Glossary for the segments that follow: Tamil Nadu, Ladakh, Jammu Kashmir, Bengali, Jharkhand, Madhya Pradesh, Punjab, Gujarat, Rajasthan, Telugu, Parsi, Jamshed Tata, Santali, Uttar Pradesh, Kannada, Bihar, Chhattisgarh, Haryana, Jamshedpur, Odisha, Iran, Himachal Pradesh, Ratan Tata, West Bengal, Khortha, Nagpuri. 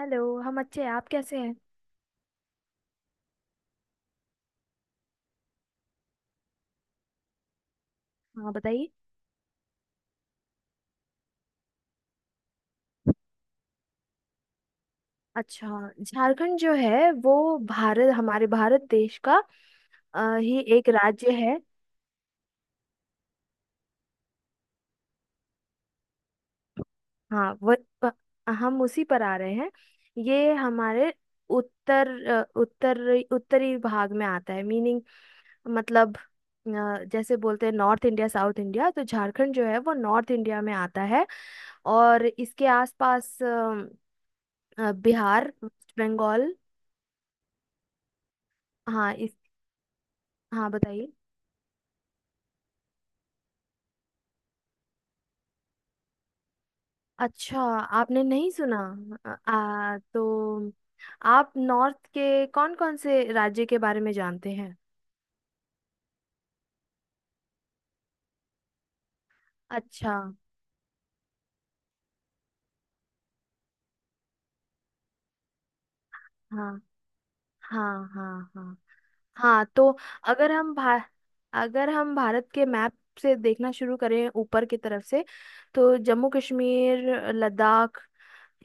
Hello हम अच्छे हैं, आप कैसे हैं? हाँ बताइए। अच्छा। झारखंड जो है वो भारत, हमारे भारत देश का ही एक राज्य है। हाँ वो प- हम उसी पर आ रहे हैं। ये हमारे उत्तर अ, उत्तर उत्तरी भाग में आता है मीनिंग, मतलब जैसे बोलते हैं नॉर्थ इंडिया साउथ इंडिया, तो झारखंड जो है वो नॉर्थ इंडिया में आता है। और इसके आसपास बिहार, वेस्ट बंगाल। हाँ इस हाँ बताइए। अच्छा। आपने नहीं सुना। आ, आ, तो आप नॉर्थ के कौन कौन से राज्य के बारे में जानते हैं? अच्छा। हाँ। हाँ हाँ। हाँ। हाँ तो अगर हम भा अगर हम भारत के मैप से देखना शुरू करें ऊपर की तरफ से, तो जम्मू कश्मीर, लद्दाख,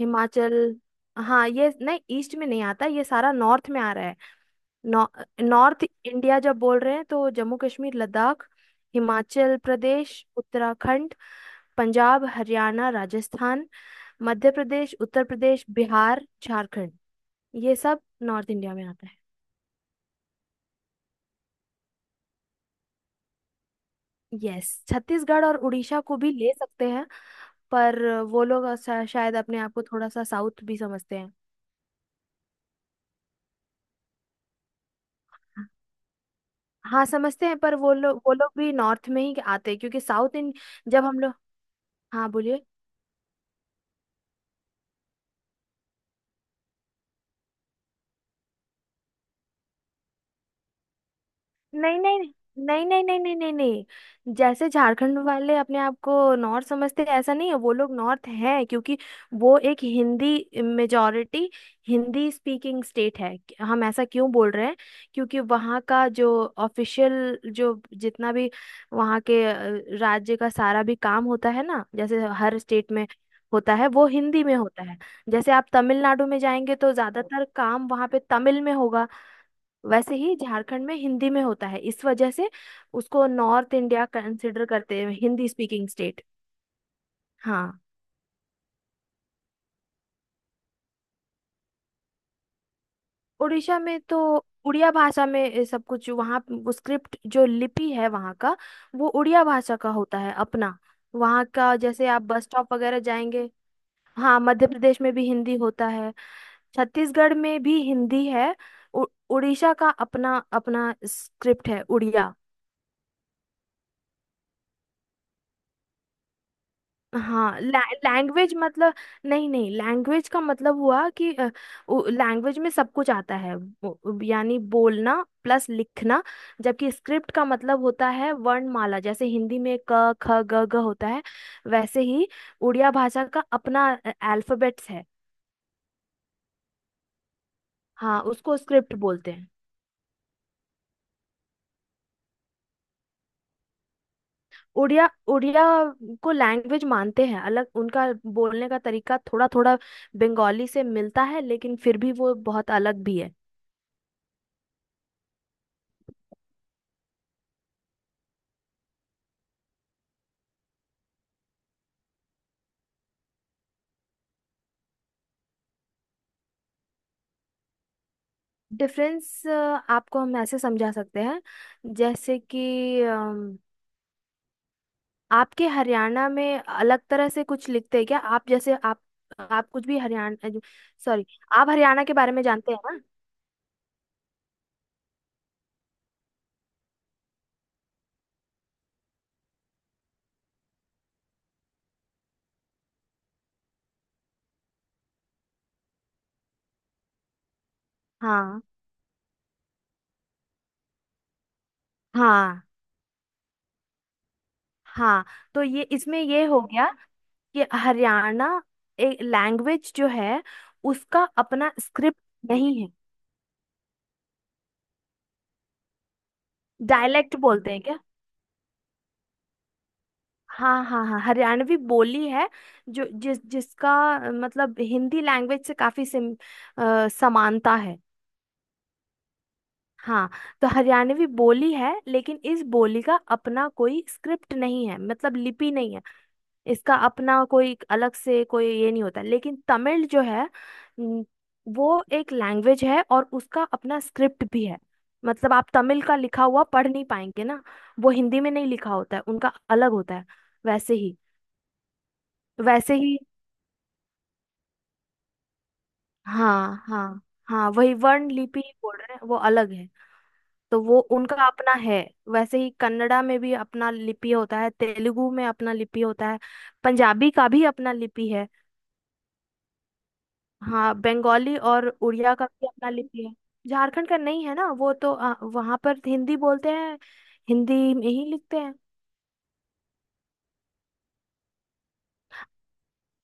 हिमाचल। हाँ ये नहीं, ईस्ट में नहीं आता, ये सारा नॉर्थ में आ रहा है। नॉ- नॉर्थ इंडिया जब बोल रहे हैं तो जम्मू कश्मीर, लद्दाख, हिमाचल प्रदेश, उत्तराखंड, पंजाब, हरियाणा, राजस्थान, मध्य प्रदेश, उत्तर प्रदेश, बिहार, झारखंड। ये सब नॉर्थ इंडिया में आता है। यस, छत्तीसगढ़ और उड़ीसा को भी ले सकते हैं, पर वो लोग शायद अपने आप को थोड़ा सा साउथ भी समझते हैं। हाँ समझते हैं, पर वो लोग, भी नॉर्थ में ही आते हैं क्योंकि साउथ इन, जब हम लोग। हाँ बोलिए। नहीं, नहीं, नहीं, नहीं, नहीं, नहीं, नहीं, नहीं, जैसे झारखंड वाले अपने आप को नॉर्थ समझते हैं, ऐसा नहीं है। वो लोग नॉर्थ हैं क्योंकि वो एक Hindi majority, Hindi speaking state है। हम ऐसा क्यों बोल रहे हैं? क्योंकि वहाँ का जो ऑफिशियल, जो जितना भी वहाँ के राज्य का सारा भी काम होता है ना, जैसे हर स्टेट में होता है, वो हिंदी में होता है। जैसे आप तमिलनाडु में जाएंगे तो ज्यादातर काम वहाँ पे तमिल में होगा। वैसे ही झारखंड में हिंदी में होता है, इस वजह से उसको नॉर्थ इंडिया कंसिडर करते हैं, हिंदी स्पीकिंग स्टेट। हाँ। उड़ीसा में तो उड़िया भाषा में ये सब कुछ, वहाँ वो स्क्रिप्ट, जो लिपि है वहाँ का, वो उड़िया भाषा का होता है अपना। वहाँ का जैसे आप बस स्टॉप वगैरह जाएंगे। हाँ मध्य प्रदेश में भी हिंदी होता है। छत्तीसगढ़ में भी हिंदी है। उ- उड़ीसा का अपना अपना स्क्रिप्ट है, उड़िया। हाँ लैंग्वेज मतलब, नहीं नहीं, लैंग्वेज का मतलब हुआ कि लैंग्वेज में सब कुछ आता है, यानी बोलना प्लस लिखना। जबकि स्क्रिप्ट का मतलब होता है वर्णमाला, जैसे हिंदी में क ख ग घ होता है, वैसे ही उड़िया भाषा का अपना अल्फाबेट्स है। हाँ उसको स्क्रिप्ट बोलते हैं। उड़िया उड़िया को लैंग्वेज मानते हैं अलग उनका। बोलने का तरीका थोड़ा थोड़ा बंगाली से मिलता है, लेकिन फिर भी वो बहुत अलग भी है। डिफरेंस आपको हम ऐसे समझा सकते हैं, जैसे कि आपके हरियाणा में अलग तरह से कुछ लिखते हैं क्या? आप जैसे आप, कुछ भी हरियाणा, सॉरी, आप हरियाणा के बारे में जानते हैं ना? हाँ हाँ हाँ। तो ये इसमें ये हो गया कि हरियाणा एक लैंग्वेज जो है, उसका अपना स्क्रिप्ट नहीं है। डायलेक्ट बोलते हैं क्या? हाँ हाँ हाँ हरियाणवी बोली है, जो जिसका मतलब हिंदी लैंग्वेज से काफी समानता है। हाँ तो हरियाणवी बोली है, लेकिन इस बोली का अपना कोई स्क्रिप्ट नहीं है, मतलब लिपि नहीं है। इसका अपना कोई अलग से कोई ये नहीं होता, लेकिन तमिल जो है न, वो एक लैंग्वेज है और उसका अपना स्क्रिप्ट भी है। मतलब आप तमिल का लिखा हुआ पढ़ नहीं पाएंगे ना। वो हिंदी में नहीं लिखा होता है, उनका अलग होता है। वैसे ही, वैसे ही। हाँ हाँ हाँ, वही वर्ण लिपि ही बोल रहे हैं, वो अलग है। तो वो उनका अपना है। वैसे ही कन्नड़ा में भी अपना लिपि होता है, तेलुगु में अपना लिपि होता है, पंजाबी का भी अपना लिपि है। हाँ बंगाली और उड़िया का भी अपना लिपि है। झारखंड का नहीं है ना, वो तो वहाँ पर हिंदी बोलते हैं, हिंदी में ही लिखते हैं।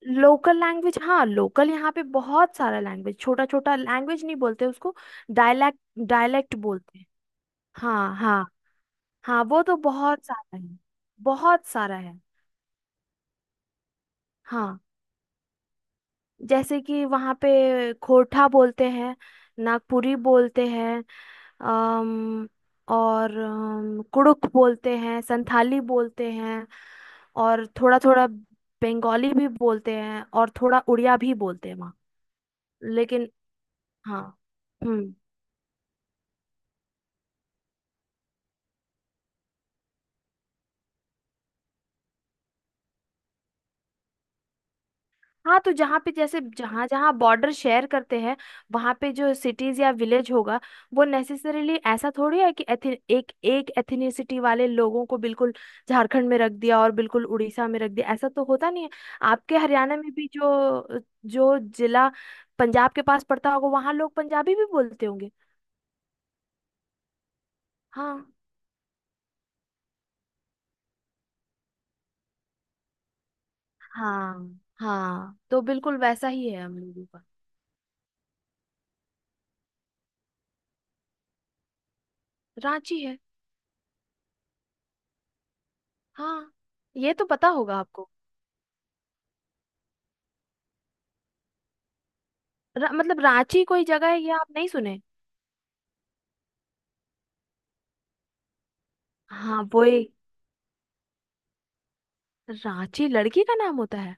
लोकल लैंग्वेज, हाँ लोकल यहाँ पे बहुत सारा लैंग्वेज, छोटा छोटा लैंग्वेज, नहीं बोलते उसको, डायलैक्ट, डायलैक्ट बोलते हैं। हाँ हाँ हाँ। वो तो बहुत सारा है, बहुत सारा है। हाँ जैसे कि वहाँ पे खोरठा बोलते हैं, नागपुरी बोलते हैं, अम, और कुड़ुक बोलते हैं, संथाली बोलते हैं, और थोड़ा थोड़ा बंगाली भी बोलते हैं, और थोड़ा उड़िया भी बोलते हैं वहाँ। लेकिन हाँ। हम्म। हाँ तो जहाँ पे, जैसे जहाँ जहाँ बॉर्डर शेयर करते हैं, वहाँ पे जो सिटीज या विलेज होगा, वो नेसेसरीली ऐसा थोड़ी है कि एक एक एथनिसिटी वाले लोगों को बिल्कुल झारखंड में रख दिया और बिल्कुल उड़ीसा में रख दिया, ऐसा तो होता नहीं है। आपके हरियाणा में भी जो जो जिला पंजाब के पास पड़ता होगा, वहाँ लोग पंजाबी भी बोलते होंगे। हाँ हाँ हाँ तो बिल्कुल वैसा ही है हम लोगों का। रांची है। हाँ ये तो पता होगा आपको। मतलब रांची कोई जगह है, ये आप नहीं सुने? हाँ वो एक, रांची लड़की का नाम होता है।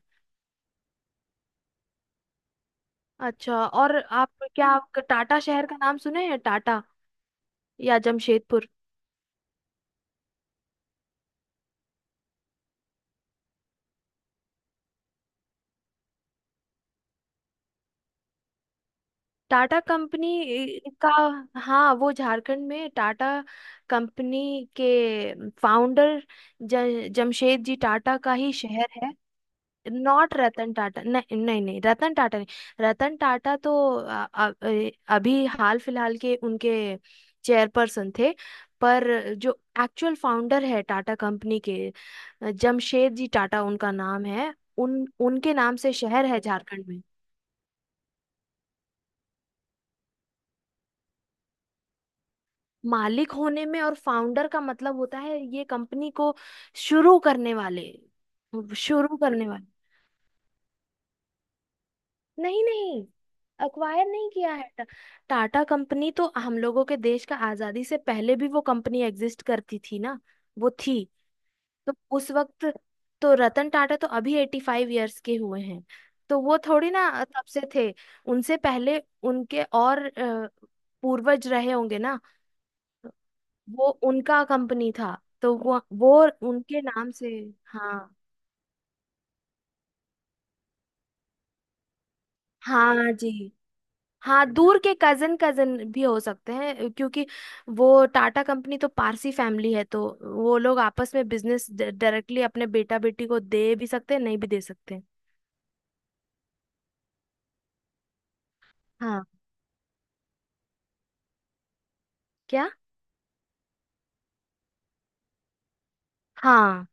अच्छा। और आप क्या आप टाटा शहर का नाम सुने हैं, टाटा या जमशेदपुर? टाटा कंपनी का। हाँ वो झारखंड में, टाटा कंपनी के फाउंडर जमशेद जी टाटा का ही शहर है। नॉट रतन टाटा, नहीं नहीं नहीं रतन टाटा नहीं। रतन टाटा तो अभी हाल फिलहाल के उनके चेयरपर्सन थे। पर जो एक्चुअल फाउंडर है टाटा कंपनी के, जमशेद जी टाटा उनका नाम है। उन उनके नाम से शहर है झारखंड में। मालिक होने में और फाउंडर का मतलब होता है ये, कंपनी को शुरू करने वाले, शुरू करने वाले। नहीं नहीं अक्वायर नहीं किया है। टाटा कंपनी तो हम लोगों के देश का आजादी से पहले भी, वो कंपनी एग्जिस्ट करती थी ना, वो थी। तो उस वक्त, तो रतन टाटा तो अभी 85 ईयर्स के हुए हैं। तो वो थोड़ी ना तब से थे। उनसे पहले उनके और पूर्वज रहे होंगे ना। वो उनका कंपनी था। तो वो, उनके नाम से। हाँ हाँ जी। हाँ दूर के कजन, कजन भी हो सकते हैं क्योंकि वो टाटा कंपनी तो पारसी फैमिली है, तो वो लोग आपस में बिजनेस डायरेक्टली अपने बेटा बेटी को दे भी सकते हैं, नहीं भी दे सकते हैं। हाँ। क्या? हाँ।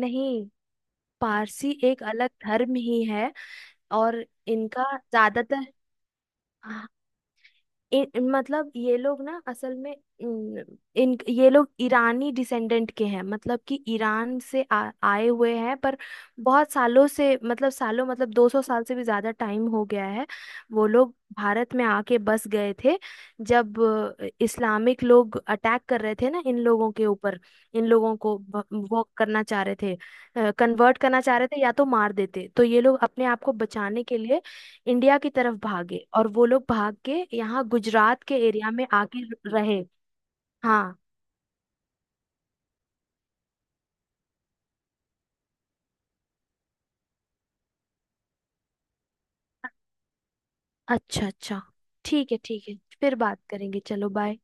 नहीं, पारसी एक अलग धर्म ही है। और इनका ज्यादातर, इन मतलब ये लोग ना असल में, इन, इन ये लोग ईरानी डिसेंडेंट के हैं, मतलब कि ईरान से आए हुए हैं। पर बहुत सालों से, मतलब सालों, मतलब 200 साल से भी ज्यादा टाइम हो गया है, वो लोग भारत में आके बस गए थे। जब इस्लामिक लोग अटैक कर रहे थे ना इन लोगों के ऊपर, इन लोगों को वो करना चाह रहे थे, कन्वर्ट करना चाह रहे थे, या तो मार देते, तो ये लोग अपने आप को बचाने के लिए इंडिया की तरफ भागे, और वो लोग भाग के यहाँ गुजरात के एरिया में आके रहे। हाँ। अच्छा अच्छा। ठीक है ठीक है, फिर बात करेंगे, चलो बाय।